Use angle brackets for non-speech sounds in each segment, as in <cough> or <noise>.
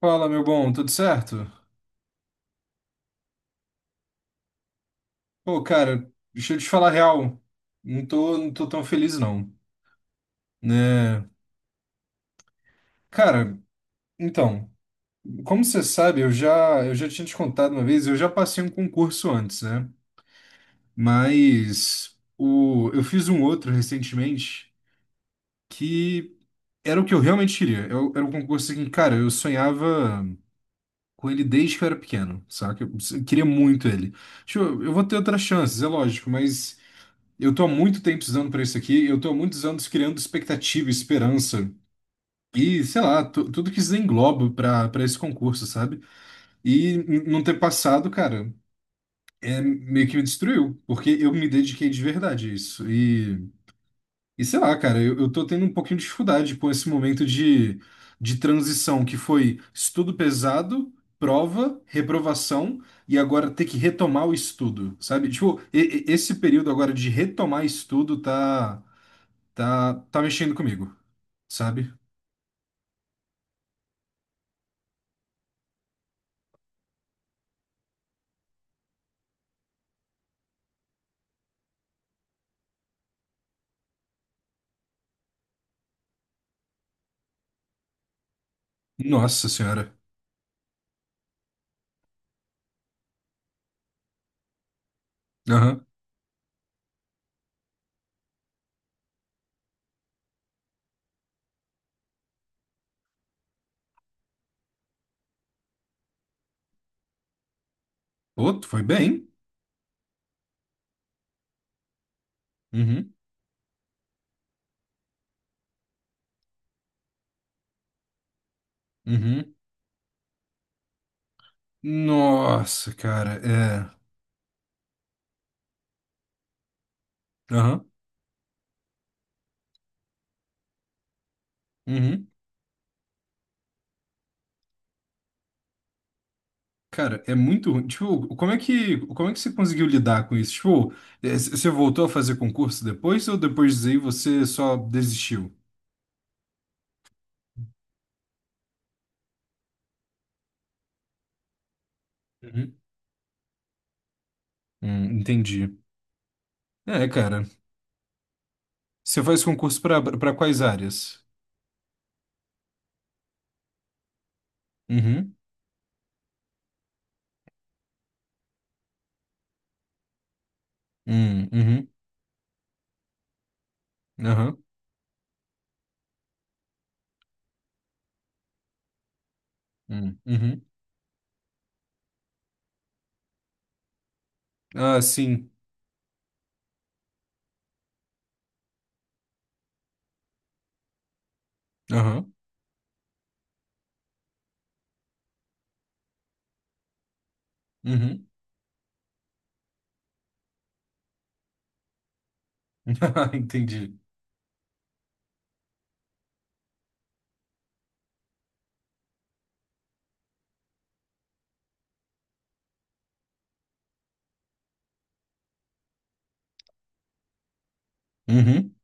Fala, meu bom, tudo certo? Pô, cara, deixa eu te falar a real. Não tô, tão feliz, não. Né? Cara, então, como você sabe, eu já tinha te contado uma vez, eu já passei um concurso antes, né? Eu fiz um outro recentemente que era o que eu realmente queria. Eu, era um concurso que, cara, eu sonhava com ele desde que eu era pequeno, saca? Eu queria muito ele. Tipo, eu vou ter outras chances, é lógico, mas. Eu tô há muito tempo precisando para isso aqui, eu tô há muitos anos criando expectativa, esperança e, sei lá, tudo que isso engloba para esse concurso, sabe? E não ter passado, cara, é meio que me destruiu, porque eu me dediquei de verdade a isso. E sei lá, cara, eu tô tendo um pouquinho de dificuldade com esse momento de transição que foi estudo pesado, prova, reprovação e agora ter que retomar o estudo, sabe? Tipo, esse período agora de retomar estudo tá. Tá, mexendo comigo, sabe? Nossa senhora. Aham. Outro, foi bem. Uhum. Uhum. Nossa, cara, é. Aham. Uhum. Cara, é muito ruim. Tipo, como é que você conseguiu lidar com isso? Tipo, é, você voltou a fazer concurso depois ou depois disso aí você só desistiu? Uhum. Entendi. É, cara. Você faz concurso para quais áreas? Uhum. Uhum. Aham. Uhum. Ah, sim. Aham. Uhum. <laughs> Entendi. Uhum.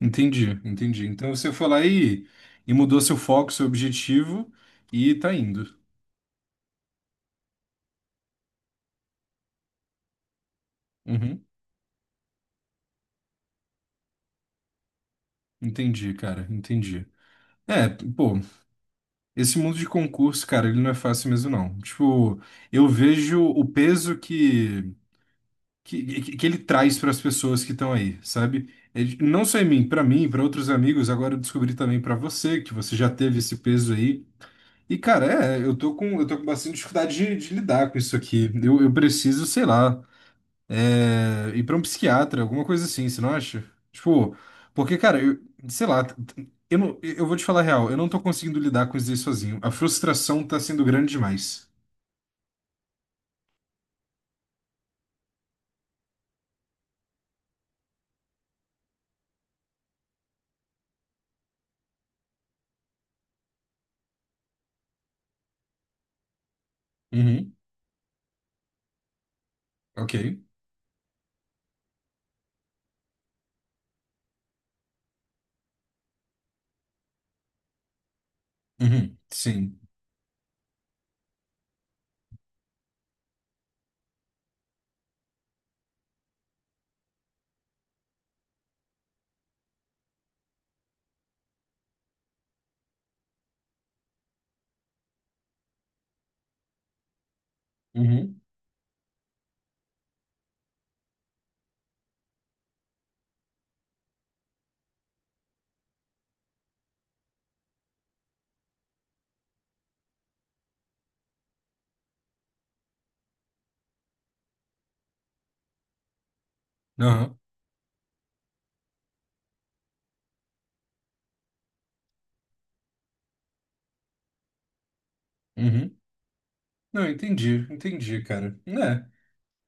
Entendi, entendi. Então você foi lá e mudou seu foco, seu objetivo e tá indo. Uhum. Entendi, cara, entendi. É, pô, esse mundo de concurso, cara, ele não é fácil mesmo, não. Tipo, eu vejo o peso que ele traz para as pessoas que estão aí, sabe? Não só em mim, para mim, para outros amigos, agora eu descobri também para você, que você já teve esse peso aí. E, cara, é, eu tô com bastante dificuldade de lidar com isso aqui. Eu preciso, sei lá, é, ir pra um psiquiatra, alguma coisa assim, você não acha? Tipo, porque, cara, eu, sei lá, eu, não, eu vou te falar a real, eu não tô conseguindo lidar com isso aí sozinho. A frustração tá sendo grande demais. Uhum, ok. Uhum, sim. Uhum, aham, uhum. Não, entendi, entendi, cara. É.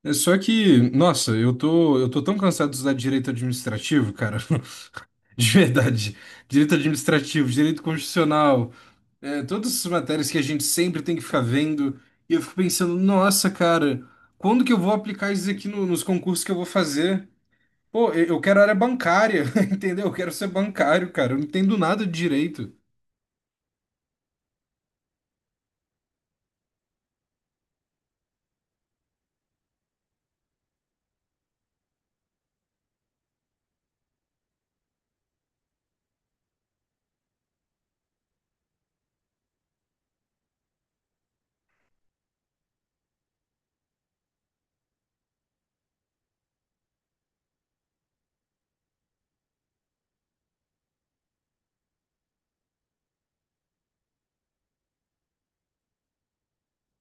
É só que, nossa, eu tô tão cansado de usar direito administrativo, cara. <laughs> De verdade. Direito administrativo, direito constitucional, é, todas essas matérias que a gente sempre tem que ficar vendo. E eu fico pensando, nossa, cara, quando que eu vou aplicar isso aqui nos concursos que eu vou fazer? Pô, eu quero área bancária, <laughs> entendeu? Eu quero ser bancário, cara. Eu não entendo nada de direito.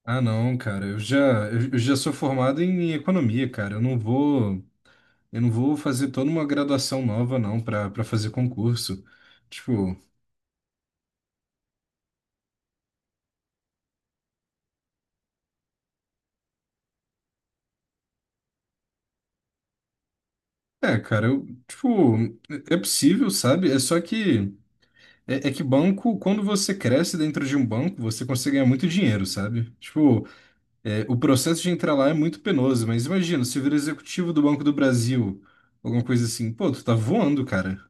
Ah, não, cara, eu já, eu já sou formado em economia, cara. Eu não vou fazer toda uma graduação nova, não, para fazer concurso. Tipo, é, cara, eu, tipo, é possível, sabe? É só que é, é que banco, quando você cresce dentro de um banco, você consegue ganhar muito dinheiro, sabe? Tipo, é, o processo de entrar lá é muito penoso, mas imagina, se vira executivo do Banco do Brasil, alguma coisa assim, pô, tu tá voando, cara.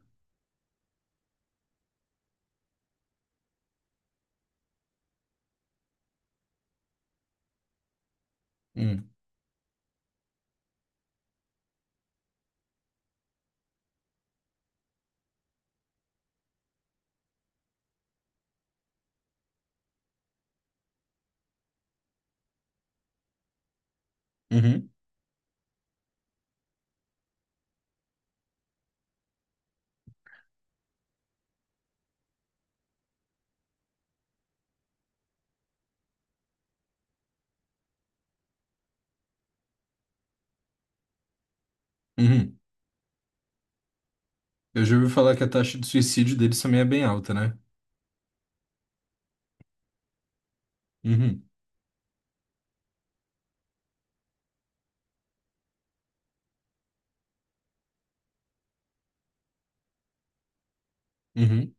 Hum, uhum, uhum. Eu já ouvi falar que a taxa de suicídio deles também é bem alta, né? Uhum, uhum,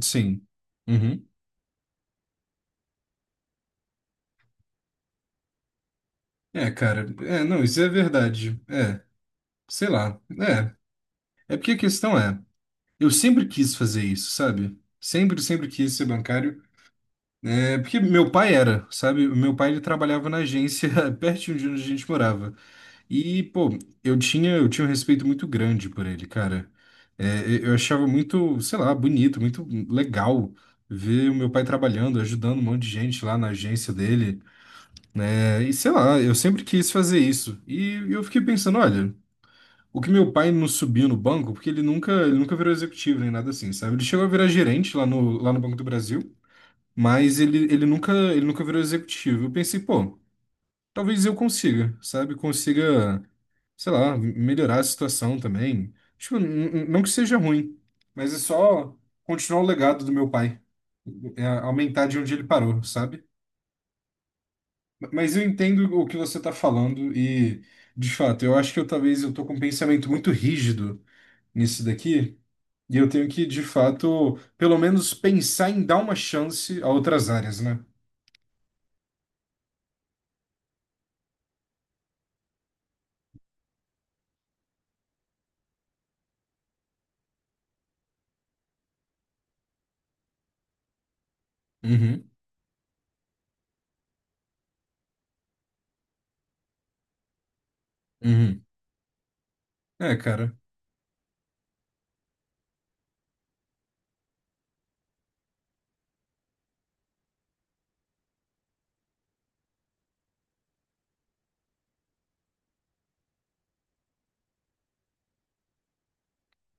sim. Uhum. É, cara, é, não, isso é verdade. É, sei lá. É. É porque a questão é. Eu sempre quis fazer isso, sabe? Sempre, sempre quis ser bancário. É, porque meu pai era, sabe? O meu pai ele trabalhava na agência <laughs> pertinho de onde a gente morava. E, pô, eu tinha um respeito muito grande por ele, cara. É, eu achava muito, sei lá, bonito, muito legal ver o meu pai trabalhando, ajudando um monte de gente lá na agência dele, né? E sei lá, eu sempre quis fazer isso. E eu fiquei pensando, olha. O que meu pai não subiu no banco, porque ele nunca virou executivo nem nada assim, sabe? Ele chegou a virar gerente lá no Banco do Brasil, mas ele, ele nunca virou executivo. Eu pensei, pô, talvez eu consiga, sabe? Consiga, sei lá, melhorar a situação também. Tipo, não que seja ruim, mas é só continuar o legado do meu pai, é aumentar de onde ele parou, sabe? Mas eu entendo o que você tá falando e, de fato, eu acho que eu talvez eu tô com um pensamento muito rígido nisso daqui. E eu tenho que, de fato, pelo menos pensar em dar uma chance a outras áreas, né? Uhum, uhum. É, cara,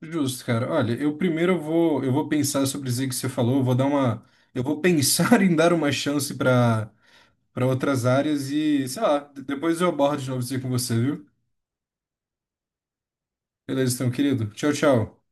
justo, cara. Olha, eu primeiro eu vou pensar sobre isso aí que você falou, eu vou pensar <laughs> em dar uma chance para outras áreas e, sei lá, depois eu abordo de novo isso aí com você, viu? Beleza, então, querido. Tchau, tchau.